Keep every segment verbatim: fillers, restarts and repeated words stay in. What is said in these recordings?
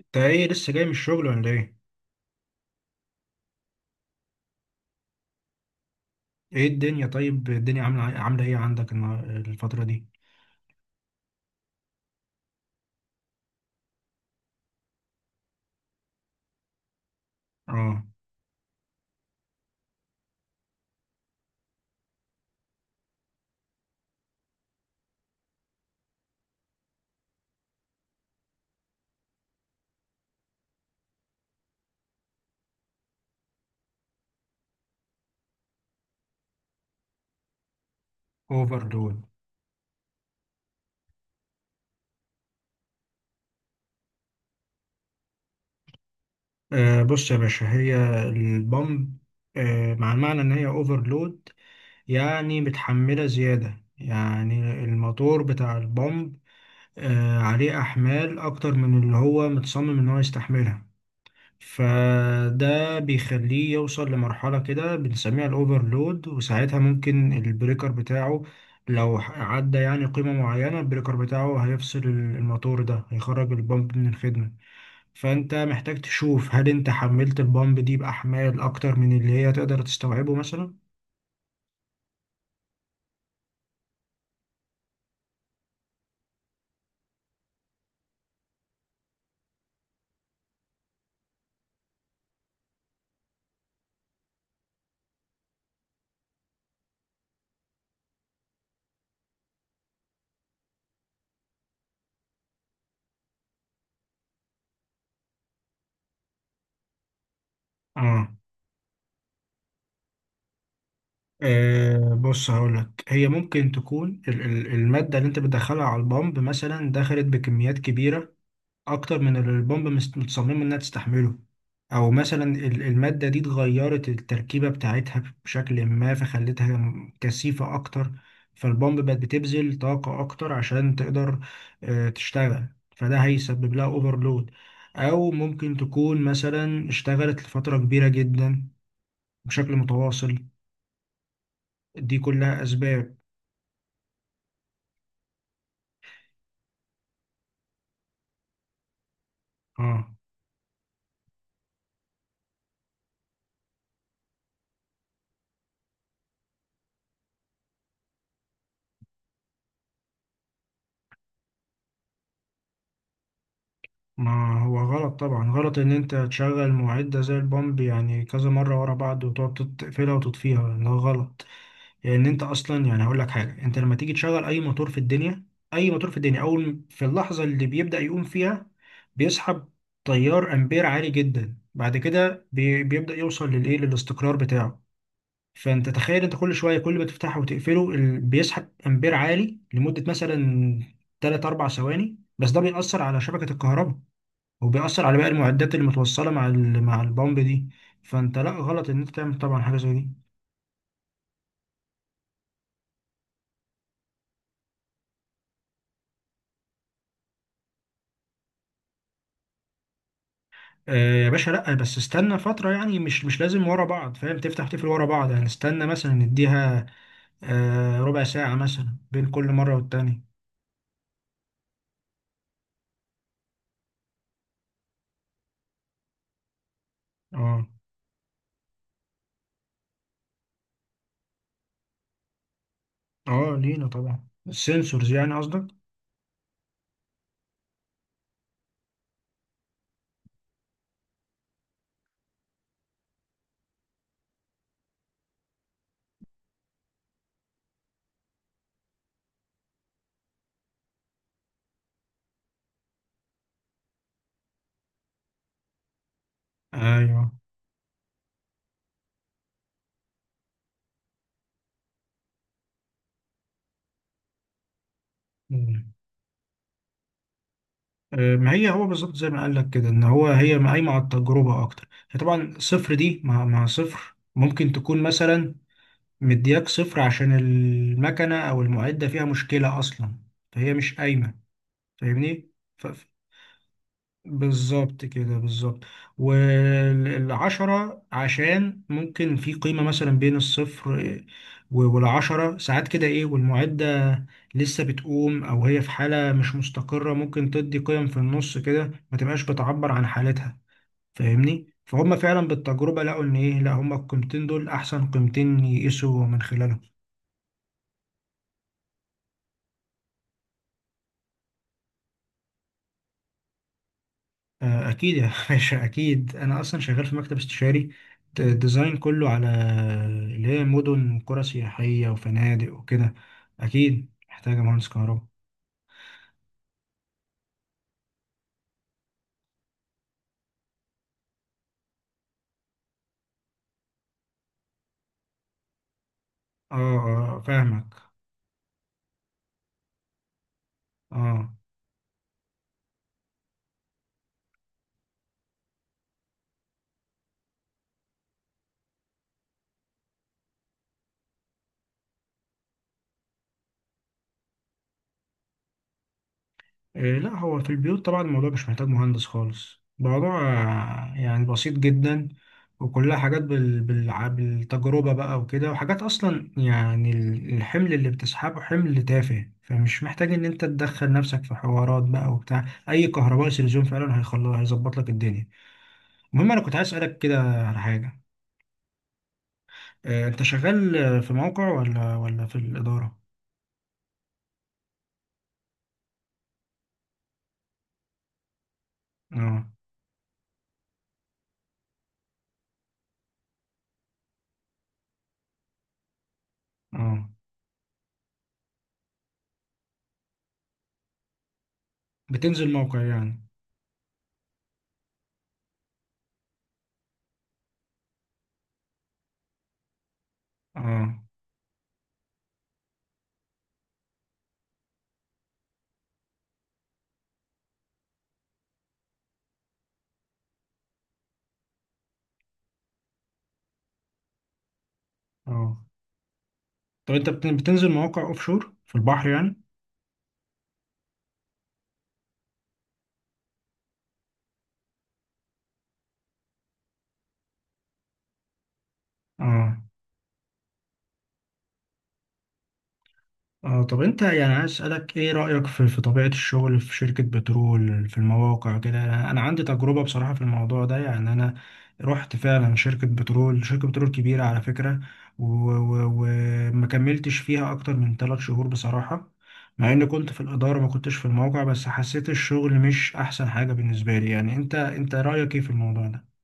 انت ايه، لسه جاي من الشغل ولا ايه؟ ايه الدنيا؟ طيب، الدنيا عامله عامله ايه عندك النا- الفتره دي؟ اه. اوفرلود؟ آه، بص يا باشا، هي البامب آه مع المعنى ان هي اوفرلود، يعني متحمله زياده، يعني الموتور بتاع البامب آه عليه احمال اكتر من اللي هو متصمم ان هو يستحملها، فده بيخليه يوصل لمرحلة كده بنسميها الأوفرلود، وساعتها ممكن البريكر بتاعه لو عدى يعني قيمة معينة، البريكر بتاعه هيفصل الموتور ده، هيخرج البامب من الخدمة. فأنت محتاج تشوف هل أنت حملت البامب دي بأحمال أكتر من اللي هي تقدر تستوعبه مثلا؟ آه. آه، بص هقولك، هي ممكن تكون ال- ال- المادة اللي انت بتدخلها على البامب مثلا دخلت بكميات كبيرة اكتر من اللي البomb مست- متصممه انها تستحمله. او مثلا ال- الماده دي اتغيرت التركيبه بتاعتها بشكل ما فخلتها م- كثيفه اكتر، فالبومب بقت بتبذل طاقه اكتر عشان تقدر آه، تشتغل، فده هيسبب لها اوفرلود. او ممكن تكون مثلا اشتغلت لفتره كبيره جدا بشكل متواصل. دي كلها اسباب. اه. ما هو غلط، طبعا غلط ان انت تشغل معدة زي البامب يعني كذا مرة ورا بعض، وتقعد تط- تقفلها وتطفيها، ده غلط. لان انت اصلا، يعني هقول لك حاجة، انت لما تيجي تشغل اي موتور في الدنيا، اي موتور في الدنيا، اول في اللحظة اللي بيبدأ يقوم فيها بيسحب تيار امبير عالي جدا، بعد كده بي- بيبدأ يوصل للايه، للاستقرار بتاعه. فانت تخيل، انت كل شوية كل ما تفتحه وتقفله ال- بيسحب امبير عالي لمدة مثلا تلات اربع ثواني، بس ده بيأثر على شبكة الكهرباء، وبيأثر على باقي المعدات اللي متوصلة مع ال- مع البامب دي. فانت لا، غلط ان انت تعمل طبعا حاجة زي دي. آه يا باشا، لا بس استنى فترة، يعني مش مش لازم ورا بعض، فاهم؟ تفتح تقفل ورا بعض، يعني استنى مثلا نديها آه ربع ساعة مثلا بين كل مرة والتانية. اه. اه، لينا طبعا، السنسورز يعني قصدك؟ ايوه. مم. آه، ما هي هو بالظبط زي ما قال لك كده، ان هو هي قايمه على التجربه اكتر. هي طبعا صفر دي مع مع صفر ممكن تكون مثلا مدياك صفر عشان المكنة أو المعدة فيها مشكلة أصلا، فهي مش قايمة. فاهمني؟ ف... ف- بالظبط كده، بالظبط. والعشرة عشان ممكن في قيمة مثلا بين الصفر و- والعشرة، ساعات كده إيه، والمعدة لسه بتقوم أو هي في حالة مش مستقرة، ممكن تدي قيم في النص كده ما تبقاش بتعبر عن حالتها. فاهمني؟ فهم، فعلا بالتجربة لقوا إن إيه، لا، هم القيمتين دول أحسن قيمتين يقيسوا من خلالهم. آه، اكيد يا باشا، اكيد. انا اصلا شغال في مكتب استشاري، د- ديزاين كله على اللي هي مدن وقرى سياحيه وفنادق وكده، اكيد محتاجه مهندس كهرباء. اه. اه، فاهمك. اه. إيه، لا هو في البيوت طبعا الموضوع مش محتاج مهندس خالص. الموضوع آه، يعني بسيط جدا، وكلها حاجات بال... بال... بالتجربة بقى وكده، وحاجات أصلا يعني ال- الحمل اللي بتسحبه حمل تافه، فمش محتاج إن أنت تدخل نفسك في حوارات بقى وبتاع. أي كهربائي سلزوم فعلا هيخلص، هيظبط لك الدنيا. المهم، أنا كنت عايز أسألك كده على حاجة. إيه أنت شغال آه، في موقع ولا ولا في الإدارة؟ اه. اه، بتنزل موقع يعني؟ اه. اه طب انت بت- بتنزل مواقع اوفشور، في البحر يعني؟ اه. اه طب انت، يعني عايز اسالك ايه رايك في في طبيعه الشغل في شركه بترول، في المواقع كده؟ انا عندي تجربه بصراحه في الموضوع ده. يعني انا رحت فعلا شركه بترول، شركه بترول كبيره على فكره، وما كملتش فيها اكتر من ثلاث شهور بصراحه. مع اني كنت في الاداره، ما كنتش في الموقع، بس حسيت الشغل مش احسن حاجه بالنسبه لي. يعني انت، انت رايك ايه في الموضوع ده؟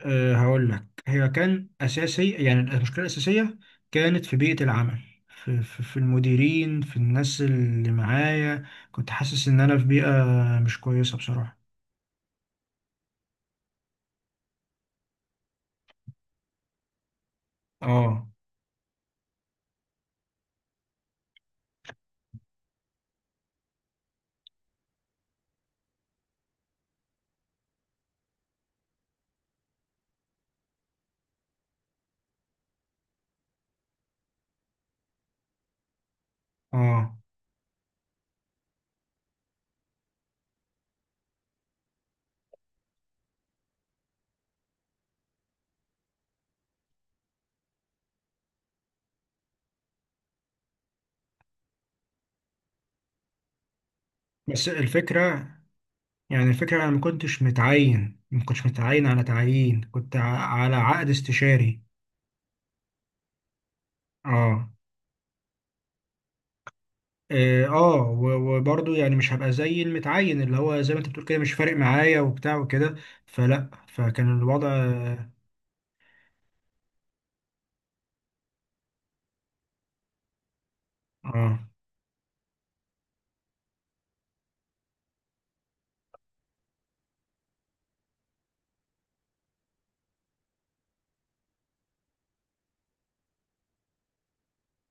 أه هقول لك، هي كان أساسي، يعني المشكلة الأساسية كانت في بيئة العمل، في, في, في المديرين، في الناس اللي معايا، كنت حاسس إن أنا في بيئة مش كويسة بصراحة. اه. اه بس الفكرة، يعني الفكرة، أنا ما كنتش متعين، ما كنتش متعين على تعيين، كنت ع- على عقد استشاري. اه. اه آه، و- وبرضه يعني مش هبقى زي المتعين اللي هو زي ما انت بتقول كده، مش فارق معايا وبتاع وكده، فلا فكان الوضع. اه.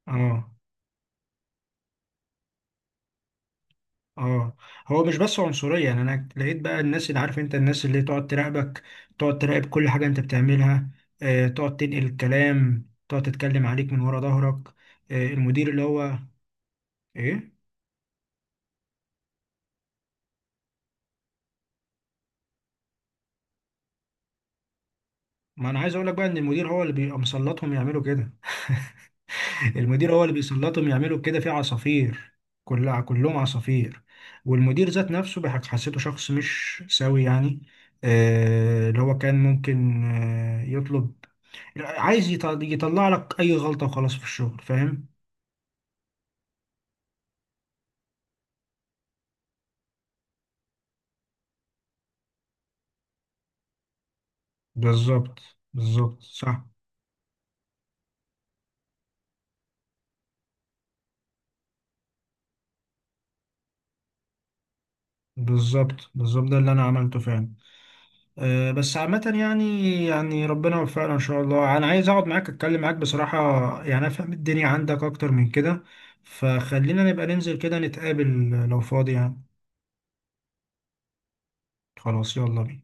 اه. اه هو مش بس عنصرية، يعني انا لقيت بقى الناس، اللي عارف انت، الناس اللي تقعد تراقبك، تقعد تراقب كل حاجة انت بتعملها، آه تقعد تنقل الكلام، تقعد تتكلم عليك من ورا ظهرك. آه المدير اللي هو، ايه، ما انا عايز اقول لك بقى ان المدير هو اللي بيبقى مسلطهم يعملوا كده. المدير هو اللي بيسلطهم يعملوا كده، في عصافير، كلها كلهم عصافير. والمدير ذات نفسه بح- حسيته شخص مش سوي يعني. آه اللي هو كان ممكن آه يطلب، عايز يط- يطلع لك اي غلطة وخلاص في الشغل، فاهم؟ بالظبط، بالظبط صح. بالظبط بالظبط، ده اللي انا عملته فعلا. أه بس عامة يعني، يعني ربنا يوفقنا ان شاء الله. انا عايز اقعد معاك، اتكلم معاك بصراحة، يعني افهم الدنيا عندك اكتر من كده. فخلينا نبقى ننزل كده، نتقابل لو فاضي يعني. خلاص، يلا بينا.